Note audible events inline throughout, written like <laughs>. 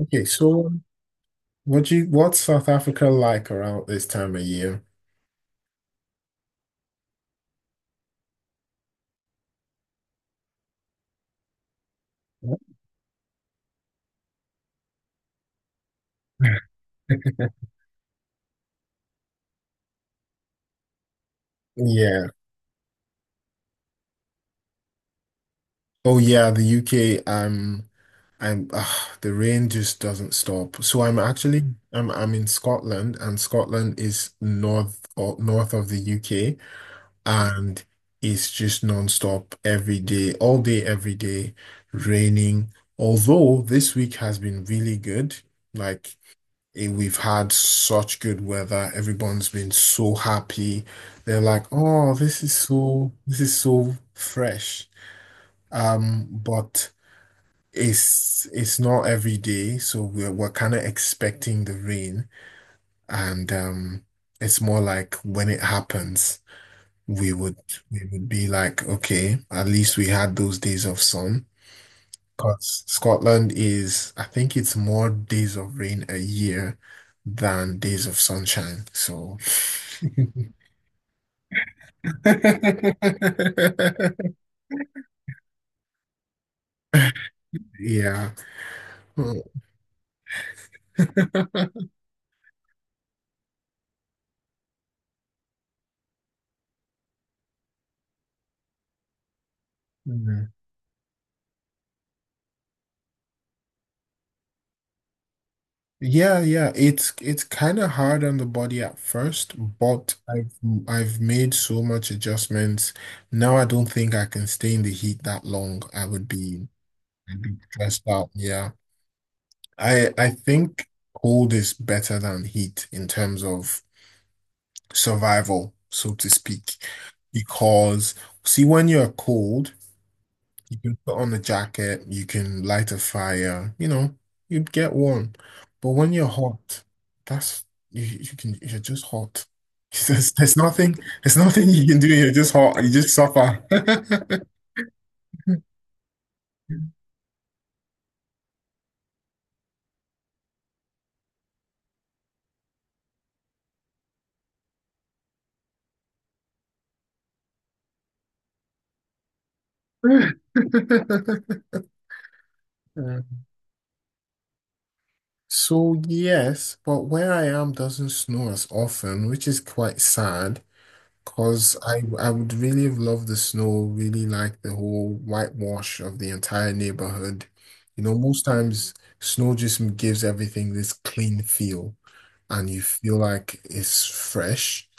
Okay, so what's South Africa like around this time of year? <laughs> Yeah. Oh yeah, the UK. The rain just doesn't stop. So I'm in Scotland, and Scotland is north, or north of the UK, and it's just non-stop every day, all day, every day, raining. Although this week has been really good. Like We've had such good weather. Everyone's been so happy. They're like, "Oh, this is so fresh." But it's not every day, so we're kind of expecting the rain, and it's more like when it happens, we would we would be like, "Okay, at least we had those days of sun." Because Scotland is, I think it's more days of rain a year than days of sunshine. So, <laughs> yeah. Mm. Yeah, yeah. It's kind of hard on the body at first, but I've made so much adjustments. Now I don't think I can stay in the heat that long. I'd be stressed out. Yeah. I think cold is better than heat in terms of survival, so to speak. Because, see, when you're cold, you can put on a jacket, you can light a fire, you'd get warm. But when you're hot, that's you can you're just hot. <laughs> There's, there's nothing, there's nothing you can do. You're just hot. You just suffer. <laughs> Yeah. So yes, but where I am doesn't snow as often, which is quite sad. Cause I would really love the snow, really like the whole whitewash of the entire neighborhood. You know, most times snow just gives everything this clean feel, and you feel like it's fresh.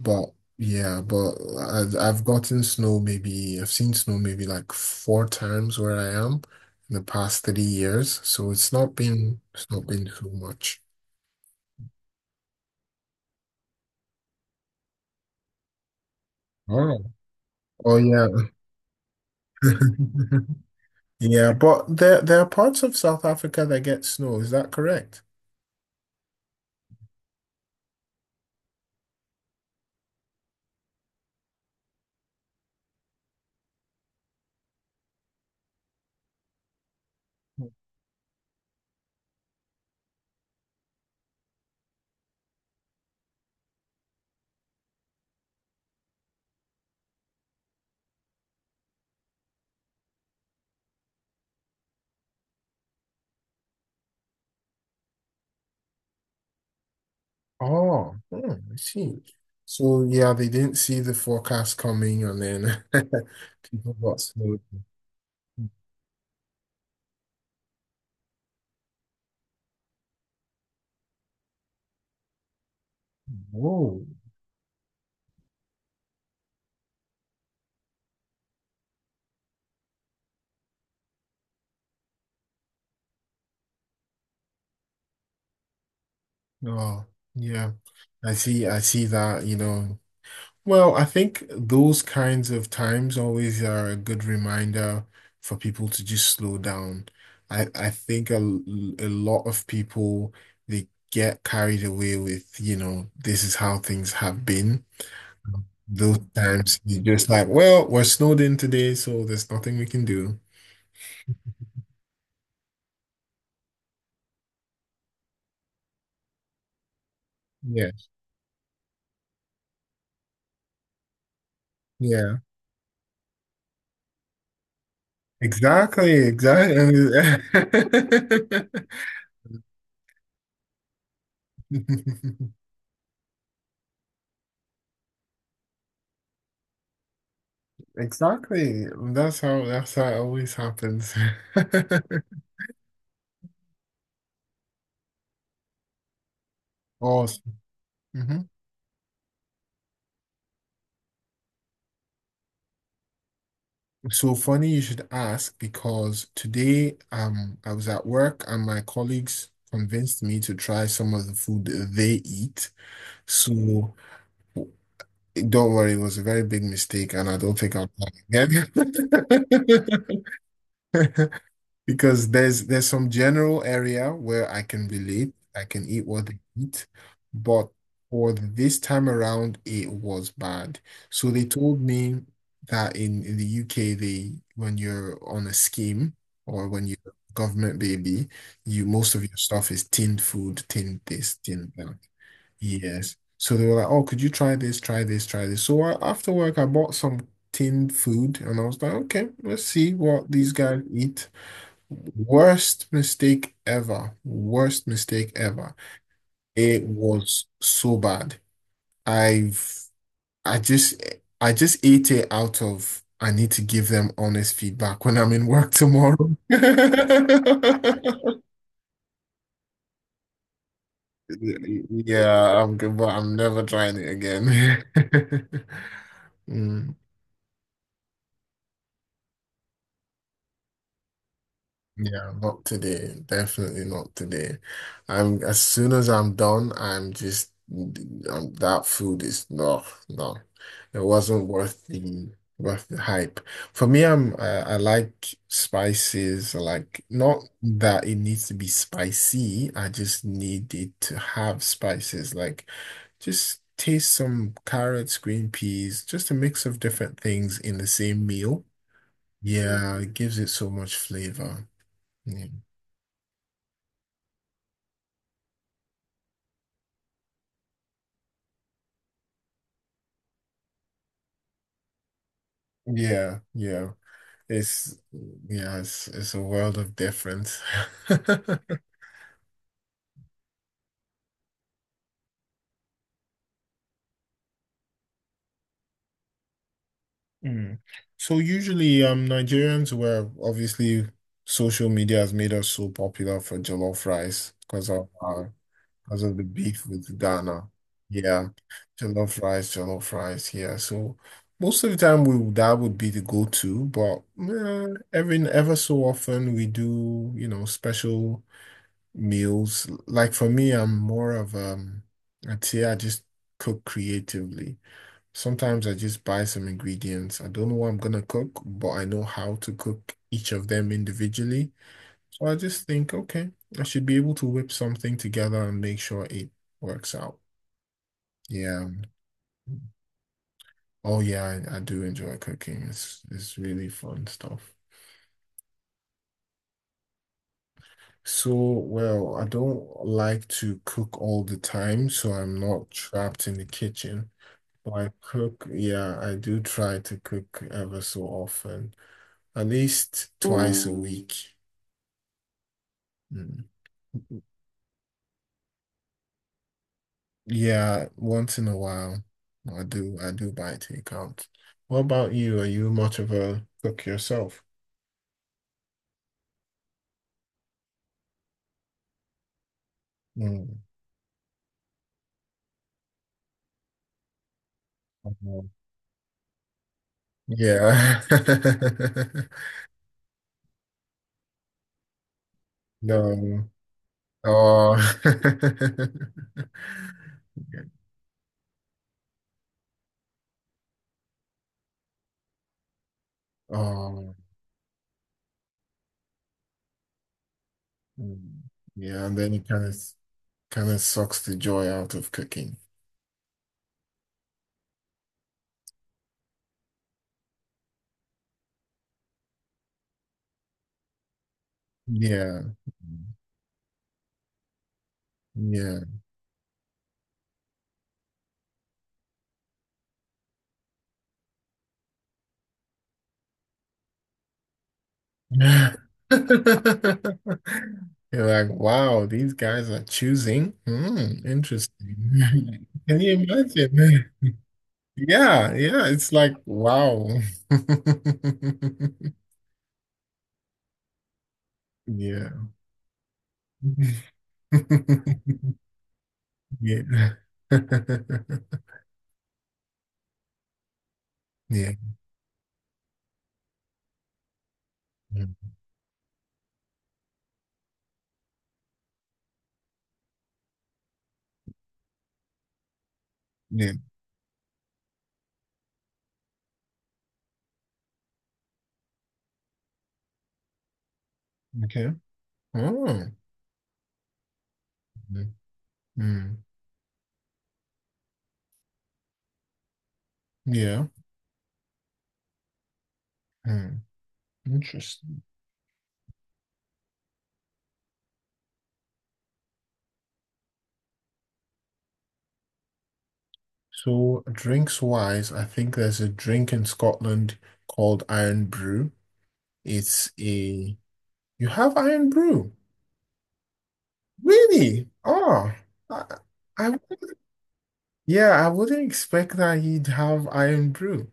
But yeah, but I've gotten snow maybe I've seen snow maybe like four times where I am in the past 30 years, so it's not been too much. Oh, oh yeah. <laughs> Yeah, but there are parts of South Africa that get snow. Is that correct? Oh, hmm, I see. So yeah, they didn't see the forecast coming, and then <laughs> people got snowed. Whoa. Oh, yeah. I see. I see that. You know, well, I think those kinds of times always are a good reminder for people to just slow down. I think a lot of people, they get carried away with, you know, this is how things have been. Those times you're just like, well, we're snowed in today, so there's nothing we can do. Yeah, yeah. Exactly, exactly. <laughs> Exactly. That's how it always happens. <laughs> Awesome. Hmm. So funny you should ask, because today I was at work and my colleagues convinced me to try some of the food they eat. So don't worry, it was a very big mistake and I don't think I'll try again. <laughs> Because there's some general area where I can relate, I can eat what they eat, but for this time around, it was bad. So they told me that in the UK, they when you're on a scheme or when you're a government baby, you most of your stuff is tinned food, tinned this, tinned that. Yes. So they were like, oh, could you try this, try this, try this? So I, after work, I bought some tinned food and I was like, okay, let's see what these guys eat. Worst mistake ever. Worst mistake ever. It was so bad. I've I just I just ate it out of I need to give them honest feedback when I'm in work tomorrow. <laughs> Yeah, I'm good, but I'm never trying it again. <laughs> Mm. Yeah, not today. Definitely not today. I'm as soon as I'm done, I'm just that food is no, no. It wasn't worth the hype. For me, I like spices. I like not that it needs to be spicy. I just need it to have spices. Like just taste some carrots, green peas, just a mix of different things in the same meal. Yeah, it gives it so much flavor. Yeah. Yeah, yeah. It's yeah, it's a world of difference. <laughs> Mm. So usually, Nigerians were obviously social media has made us so popular for jollof rice because of our because of the beef with Ghana. Yeah, jollof rice, jollof rice. Yeah, so most of the time we that would be the go-to, but every ever so often we do, you know, special meals. Like for me, I'm more of I'd say I just cook creatively. Sometimes I just buy some ingredients. I don't know what I'm gonna cook, but I know how to cook each of them individually. So I just think, okay, I should be able to whip something together and make sure it works out. Yeah. Oh yeah, I do enjoy cooking. It's really fun stuff. So, well, I don't like to cook all the time, so I'm not trapped in the kitchen. I cook, yeah, I do try to cook ever so often, at least twice a Mm. week. Mm. Yeah, once in a while, I do buy takeout. What about you? Are you much of a cook yourself? Mm. Mhm. Yeah. <laughs> No. Oh. <laughs> Oh. Mm. Yeah, and then it kind of sucks the joy out of cooking. Yeah. Yeah. <laughs> You're like, wow, these guys are choosing. Hmm, interesting. <laughs> Can you imagine? <laughs> Yeah, yeah, it's like, wow. <laughs> Yeah. <laughs> Yeah. <laughs> Yeah. Yeah. Yeah. Okay. Oh. Mm. Mm. Yeah. Mm. Interesting. So, drinks wise, I think there's a drink in Scotland called Iron Brew. It's a you have Iron Brew? Really? Oh, I, I wouldn't- yeah, I wouldn't expect that you'd have Iron Brew.